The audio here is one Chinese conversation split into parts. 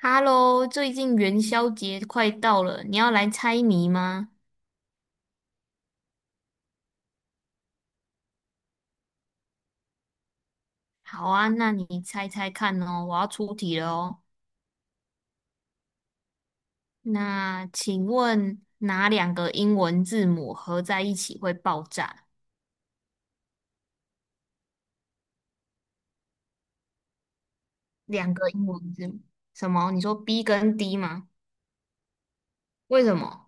Hello，最近元宵节快到了，你要来猜谜吗？好啊，那你猜猜看哦，我要出题了哦。那请问哪两个英文字母合在一起会爆炸？两个英文字母，什么？你说 B 跟 D 吗？为什么？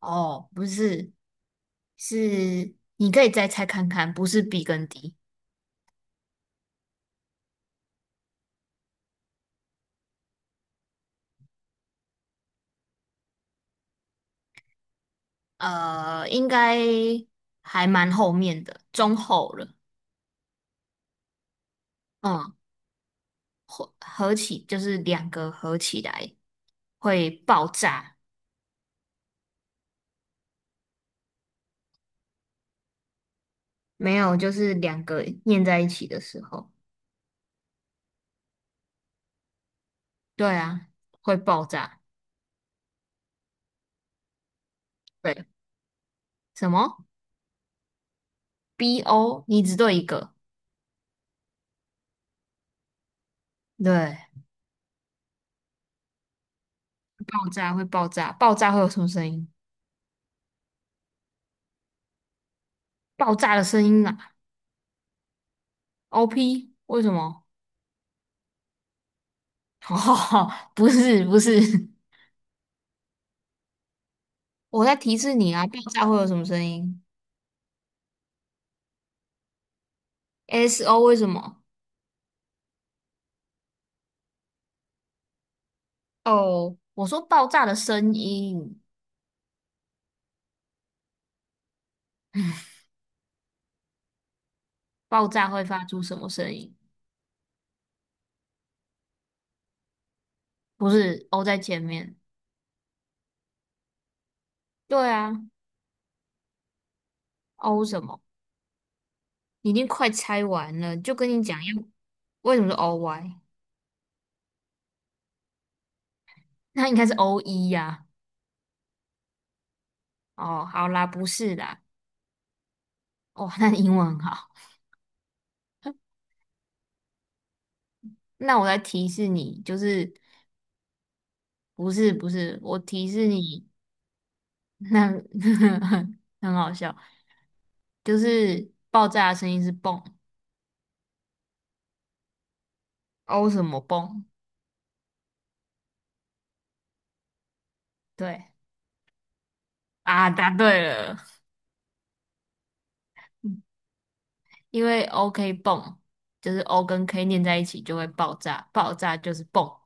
哦，不是，是你可以再猜看看，不是 B 跟 D。应该还蛮后面的，中后了。嗯。合起就是两个合起来会爆炸，没有，就是两个念在一起的时候，对啊，会爆炸。对，什么 BO？你只对一个。对，爆炸会爆炸，爆炸会有什么声音？爆炸的声音啊，OP 为什么？哦，不是不是，我在提示你啊，爆炸会有什么声音？SO 为什么？哦，我说爆炸的声音，爆炸会发出什么声音？不是 O 在前面。对啊，O 什么？你已经快猜完了，就跟你讲要，为什么是 OY？那应该是 o 一呀、哦，好啦，不是啦。哦，那你英文很好。那我来提示你，就是，不是不是，我提示你。那 很好笑，就是爆炸的声音是蹦，O 什么蹦？对啊，答对了。因为 OK 泵，就是 O 跟 K 念在一起就会爆炸，爆炸就是泵。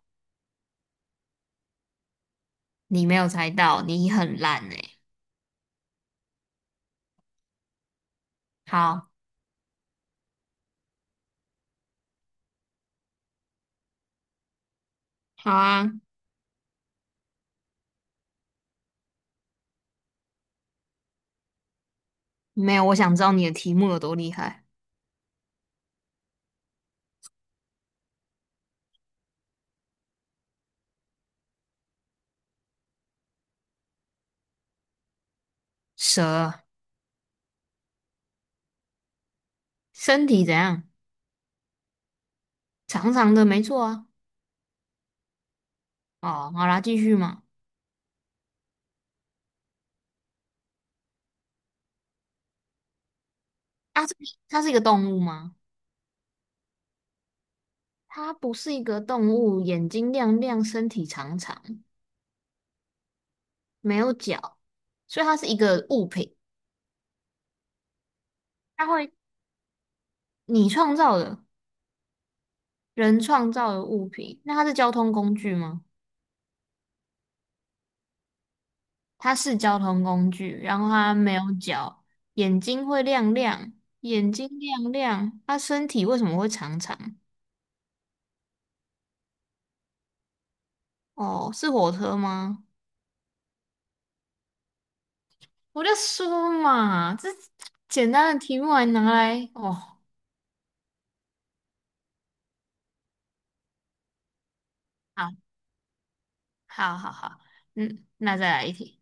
你没有猜到，你很烂哎、好，好啊，没有，我想知道你的题目有多厉害。蛇，身体怎样？长长的，没错啊。哦，好啦，继续嘛。啊，这，它是一个动物吗？它不是一个动物，眼睛亮亮，身体长长，没有脚，所以它是一个物品。它会，你创造的，人创造的物品。那它是交通工具吗？它是交通工具，然后它没有脚，眼睛会亮亮，眼睛亮亮，它身体为什么会长长？哦，是火车吗？我就说嘛，这简单的题目还拿来哦，好，好，好，好，嗯，那再来一题，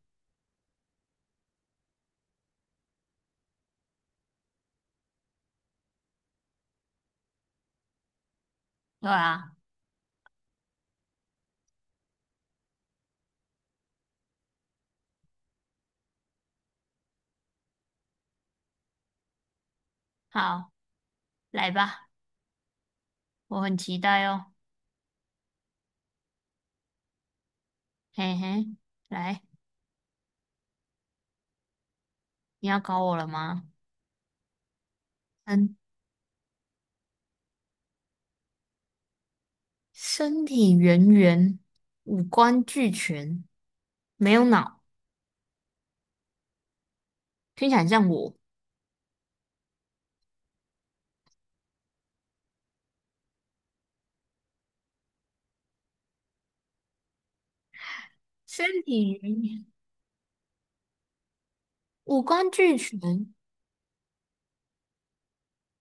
对啊，好，来吧，我很期待哦，嘿嘿，来，你要搞我了吗？嗯，身体圆圆，五官俱全，没有脑。听起来很像我。身体语言，五官俱全，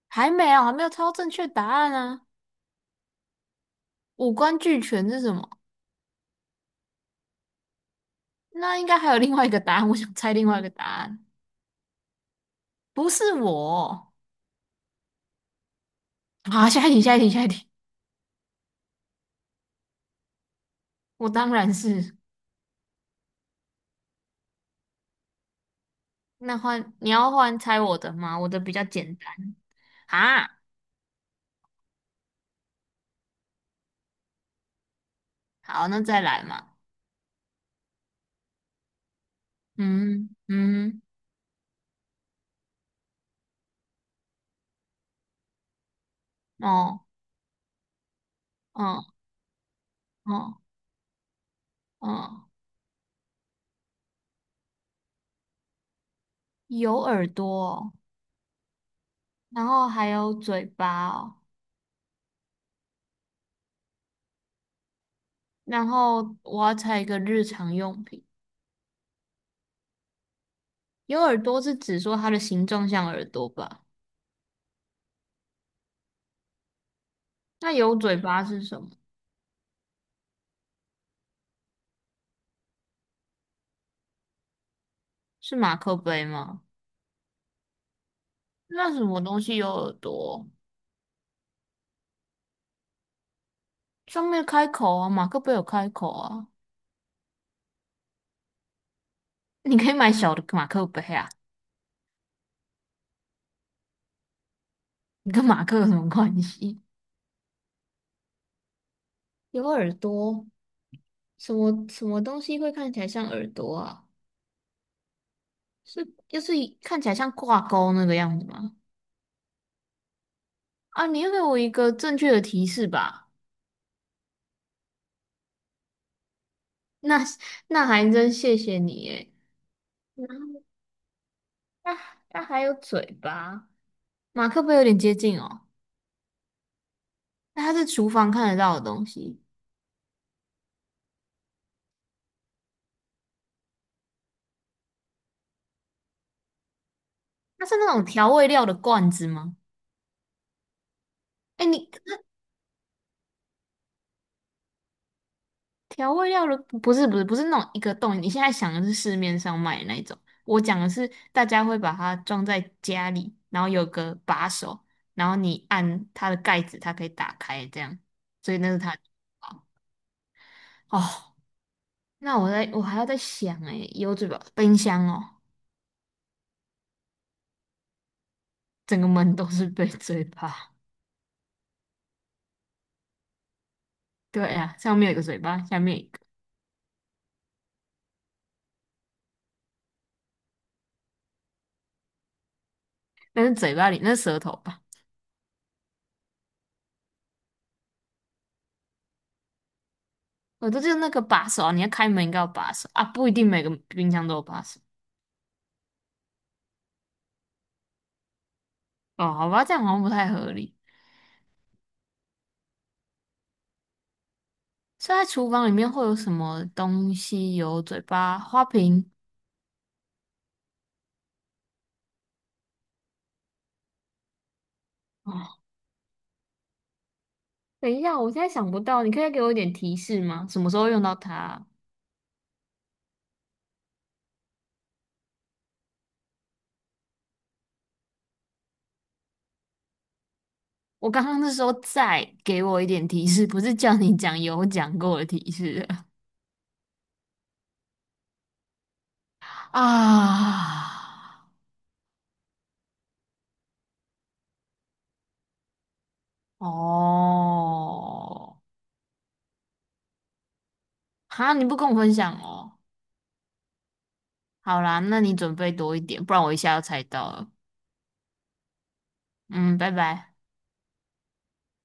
还没有，还没有猜到正确答案啊！五官俱全是什么？那应该还有另外一个答案，我想猜另外一个答案，不是我。好，下一题，下一题，下一题。我当然是。那换你要换猜我的吗？我的比较简单。啊，好，那再来嘛。嗯嗯，哦哦哦哦，有耳朵哦，然后还有嘴巴哦。然后我要猜一个日常用品。有耳朵是指说它的形状像耳朵吧？那有嘴巴是什么？是马克杯吗？那什么东西有耳朵？上面开口啊，马克杯有开口啊。你可以买小的马克杯啊，你跟马克有什么关系？有耳朵，什么什么东西会看起来像耳朵啊？是就是看起来像挂钩那个样子吗？啊，你要给我一个正确的提示吧。那那还真谢谢你诶。那那那还有嘴巴，马克杯有点接近哦。那它是厨房看得到的东西，它是那种调味料的罐子吗？哎，你调味料的不是不是不是那种一个洞，你现在想的是市面上卖的那一种，我讲的是大家会把它装在家里，然后有个把手，然后你按它的盖子，它可以打开这样，所以那是它的哦。那我在我还要再想哎，有嘴巴，冰箱哦，整个门都是被嘴巴。对呀、上面有一个嘴巴，下面有一个，但是嘴巴里那是舌头吧？我这就是那个把手啊，你要开门应该有把手啊，不一定每个冰箱都有把手哦。好吧，这样好像不太合理。所以在厨房里面会有什么东西有嘴巴？花瓶哦，等一下，我现在想不到，你可以给我一点提示吗？什么时候用到它啊？我刚刚是说再给我一点提示，不是叫你讲有讲过的提示啊。哦，哈，你不跟我分享哦。好啦，那你准备多一点，不然我一下要猜到了。嗯，拜拜。